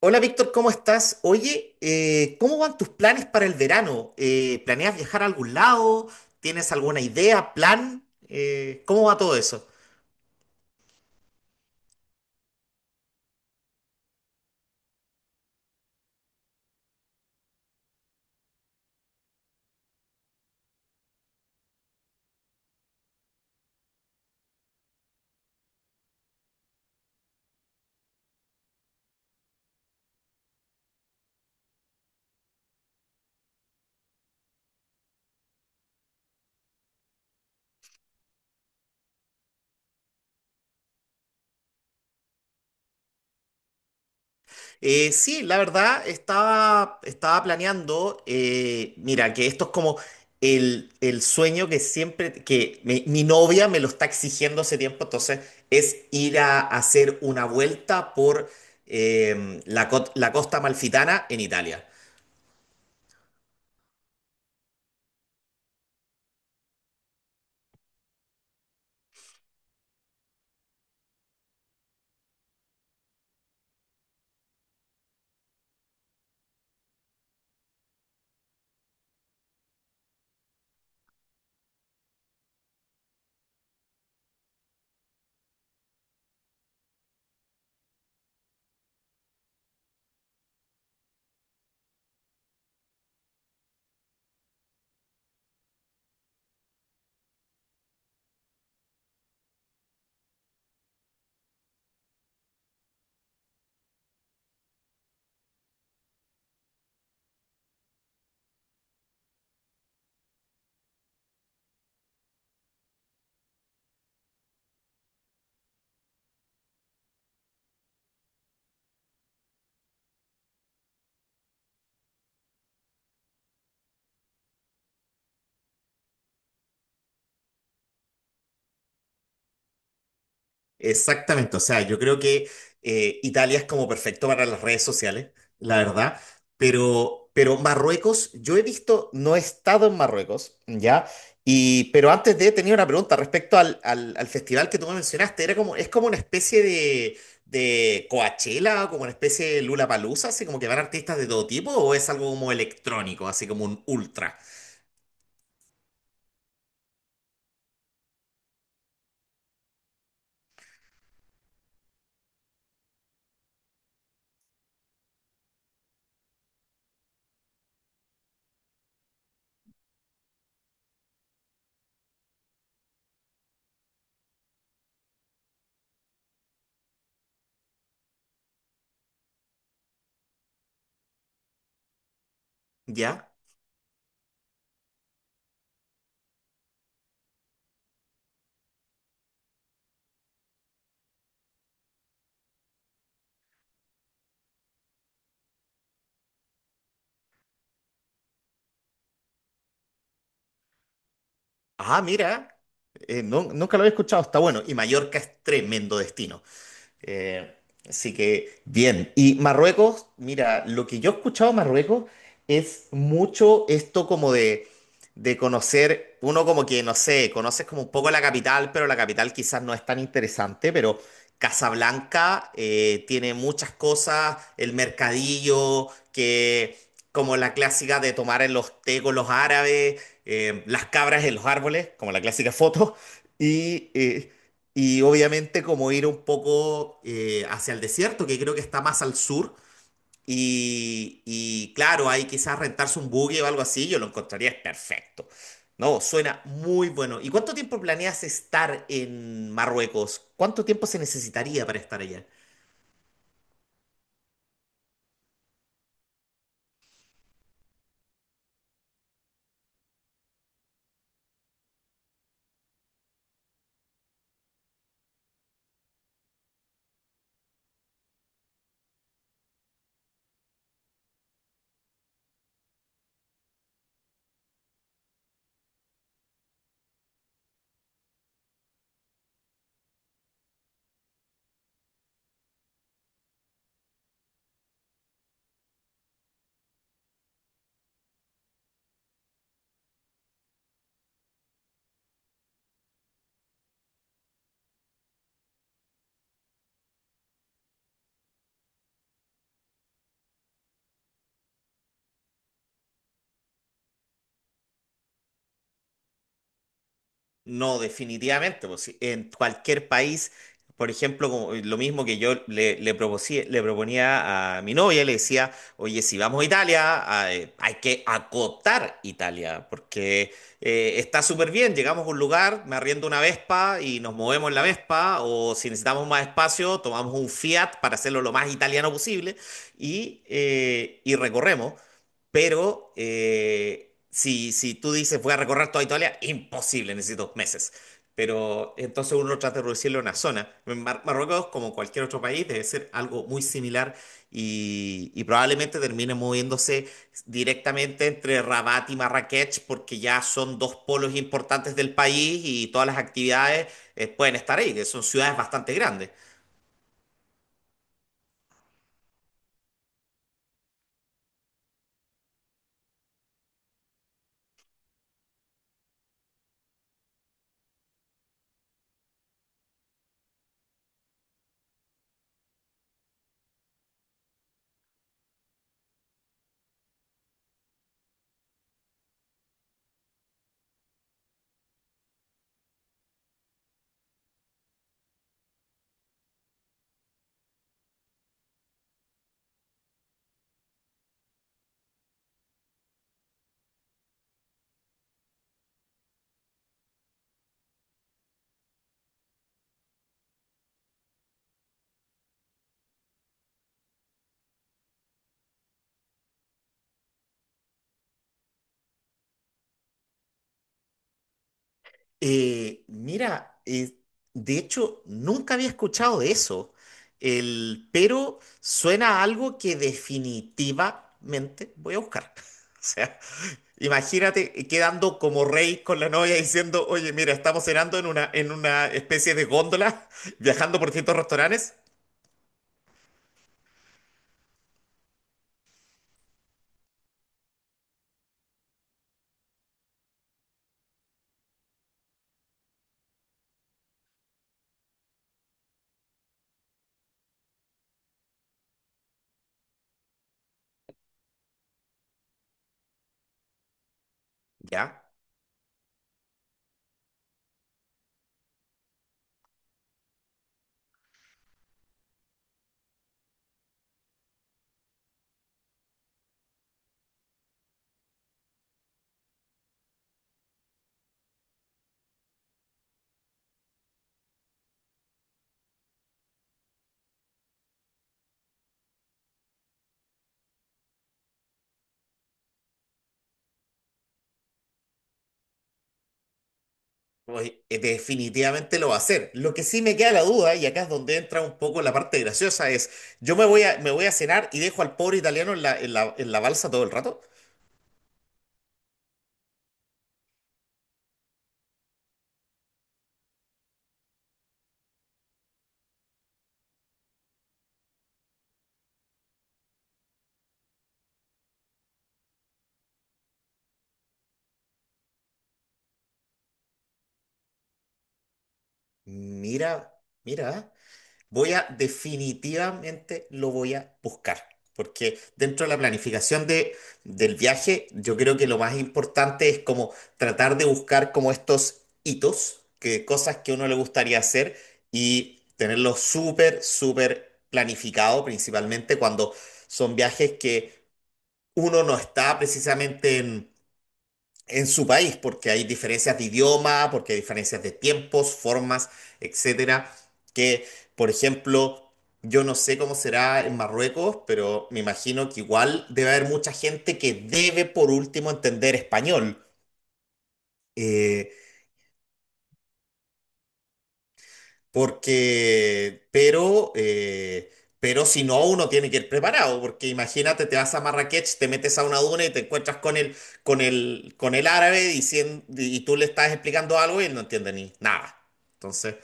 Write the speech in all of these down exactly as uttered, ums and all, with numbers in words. Hola Víctor, ¿cómo estás? Oye, eh, ¿cómo van tus planes para el verano? Eh, ¿planeas viajar a algún lado? ¿Tienes alguna idea, plan? Eh, ¿cómo va todo eso? Eh, sí, la verdad, estaba, estaba planeando, eh, mira, que esto es como el, el sueño que siempre, que mi, mi novia me lo está exigiendo hace tiempo, entonces es ir a hacer una vuelta por em, la, co- la costa amalfitana en Italia. Exactamente, o sea, yo creo que eh, Italia es como perfecto para las redes sociales, la verdad, pero, pero Marruecos, yo he visto, no he estado en Marruecos, ¿ya? Y, pero antes de, tenía una pregunta respecto al, al, al festival que tú me mencionaste, era como, es como una especie de, de Coachella, como una especie de Lollapalooza, así como que van artistas de todo tipo, o es algo como electrónico, así como un ultra, ¿ya? Ah, mira, eh, no- nunca lo había escuchado, está bueno, y Mallorca es tremendo destino. Eh, Así que bien. Y Marruecos, mira, lo que yo he escuchado de Marruecos es mucho esto como de, de conocer, uno como que, no sé, conoces como un poco la capital, pero la capital quizás no es tan interesante, pero Casablanca eh, tiene muchas cosas, el mercadillo, que como la clásica de tomar en los té con los árabes, eh, las cabras en los árboles, como la clásica foto. Y eh, y obviamente como ir un poco eh, hacia el desierto, que creo que está más al sur. Y, y claro, ahí quizás rentarse un buggy o algo así, yo lo encontraría perfecto. No, suena muy bueno. ¿Y cuánto tiempo planeas estar en Marruecos? ¿Cuánto tiempo se necesitaría para estar allá? No, definitivamente, pues, sí, en cualquier país, por ejemplo, como, eh, lo mismo que yo le, le, propusí- le proponía a mi novia, le decía, oye, si vamos a Italia, ah, eh, hay que acotar Italia, porque eh, está súper bien, llegamos a un lugar, me arriendo una Vespa y nos movemos en la Vespa, o si necesitamos más espacio, tomamos un Fiat para hacerlo lo más italiano posible y, eh, y recorremos. Pero eh, si, si tú dices voy a recorrer toda Italia, imposible, necesito meses. Pero entonces uno trata de reducirlo a una zona. En Mar- Marruecos, como cualquier otro país, debe ser algo muy similar y, y probablemente termine moviéndose directamente entre Rabat y Marrakech porque ya son dos polos importantes del país y todas las actividades eh, pueden estar ahí, que son ciudades bastante grandes. Eh, mira, eh, de hecho, nunca había escuchado de eso, el, pero suena a algo que definitivamente voy a buscar. O sea, imagínate eh, quedando como rey con la novia diciendo, oye, mira, estamos cenando en una, en una especie de góndola, viajando por distintos restaurantes. Ya. Pues eh, definitivamente lo va a hacer. Lo que sí me queda la duda, y acá es donde entra un poco la parte graciosa, es, ¿yo me voy a, me voy a cenar y dejo al pobre italiano en la, en la, en la balsa todo el rato? Mira, mira. Voy a definitivamente lo voy a buscar, porque dentro de la planificación de, del viaje, yo creo que lo más importante es como tratar de buscar como estos hitos, que cosas que uno le gustaría hacer y tenerlo súper, súper planificado, principalmente cuando son viajes que uno no está precisamente en en su país, porque hay diferencias de idioma, porque hay diferencias de tiempos, formas, etcétera, que, por ejemplo, yo no sé cómo será en Marruecos, pero me imagino que igual debe haber mucha gente que debe por último entender español. Eh, Porque, pero, eh, pero si no, uno tiene que ir preparado, porque imagínate, te vas a Marrakech, te metes a una duna y te encuentras con el, con el, con el árabe diciendo, y tú le estás explicando algo y él no entiende ni nada. Entonces,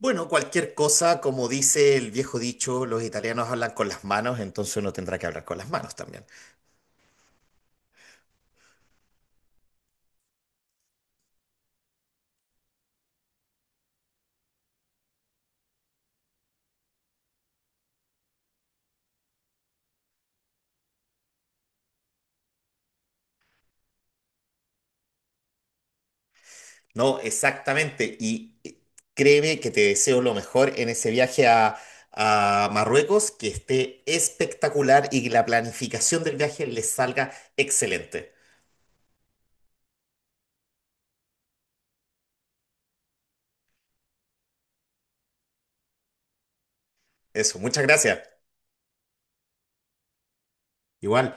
bueno, cualquier cosa, como dice el viejo dicho, los italianos hablan con las manos, entonces uno tendrá que hablar con las manos también. No, exactamente. Y eh, créeme que te deseo lo mejor en ese viaje a, a Marruecos, que esté espectacular y que la planificación del viaje les salga excelente. Eso, muchas gracias. Igual.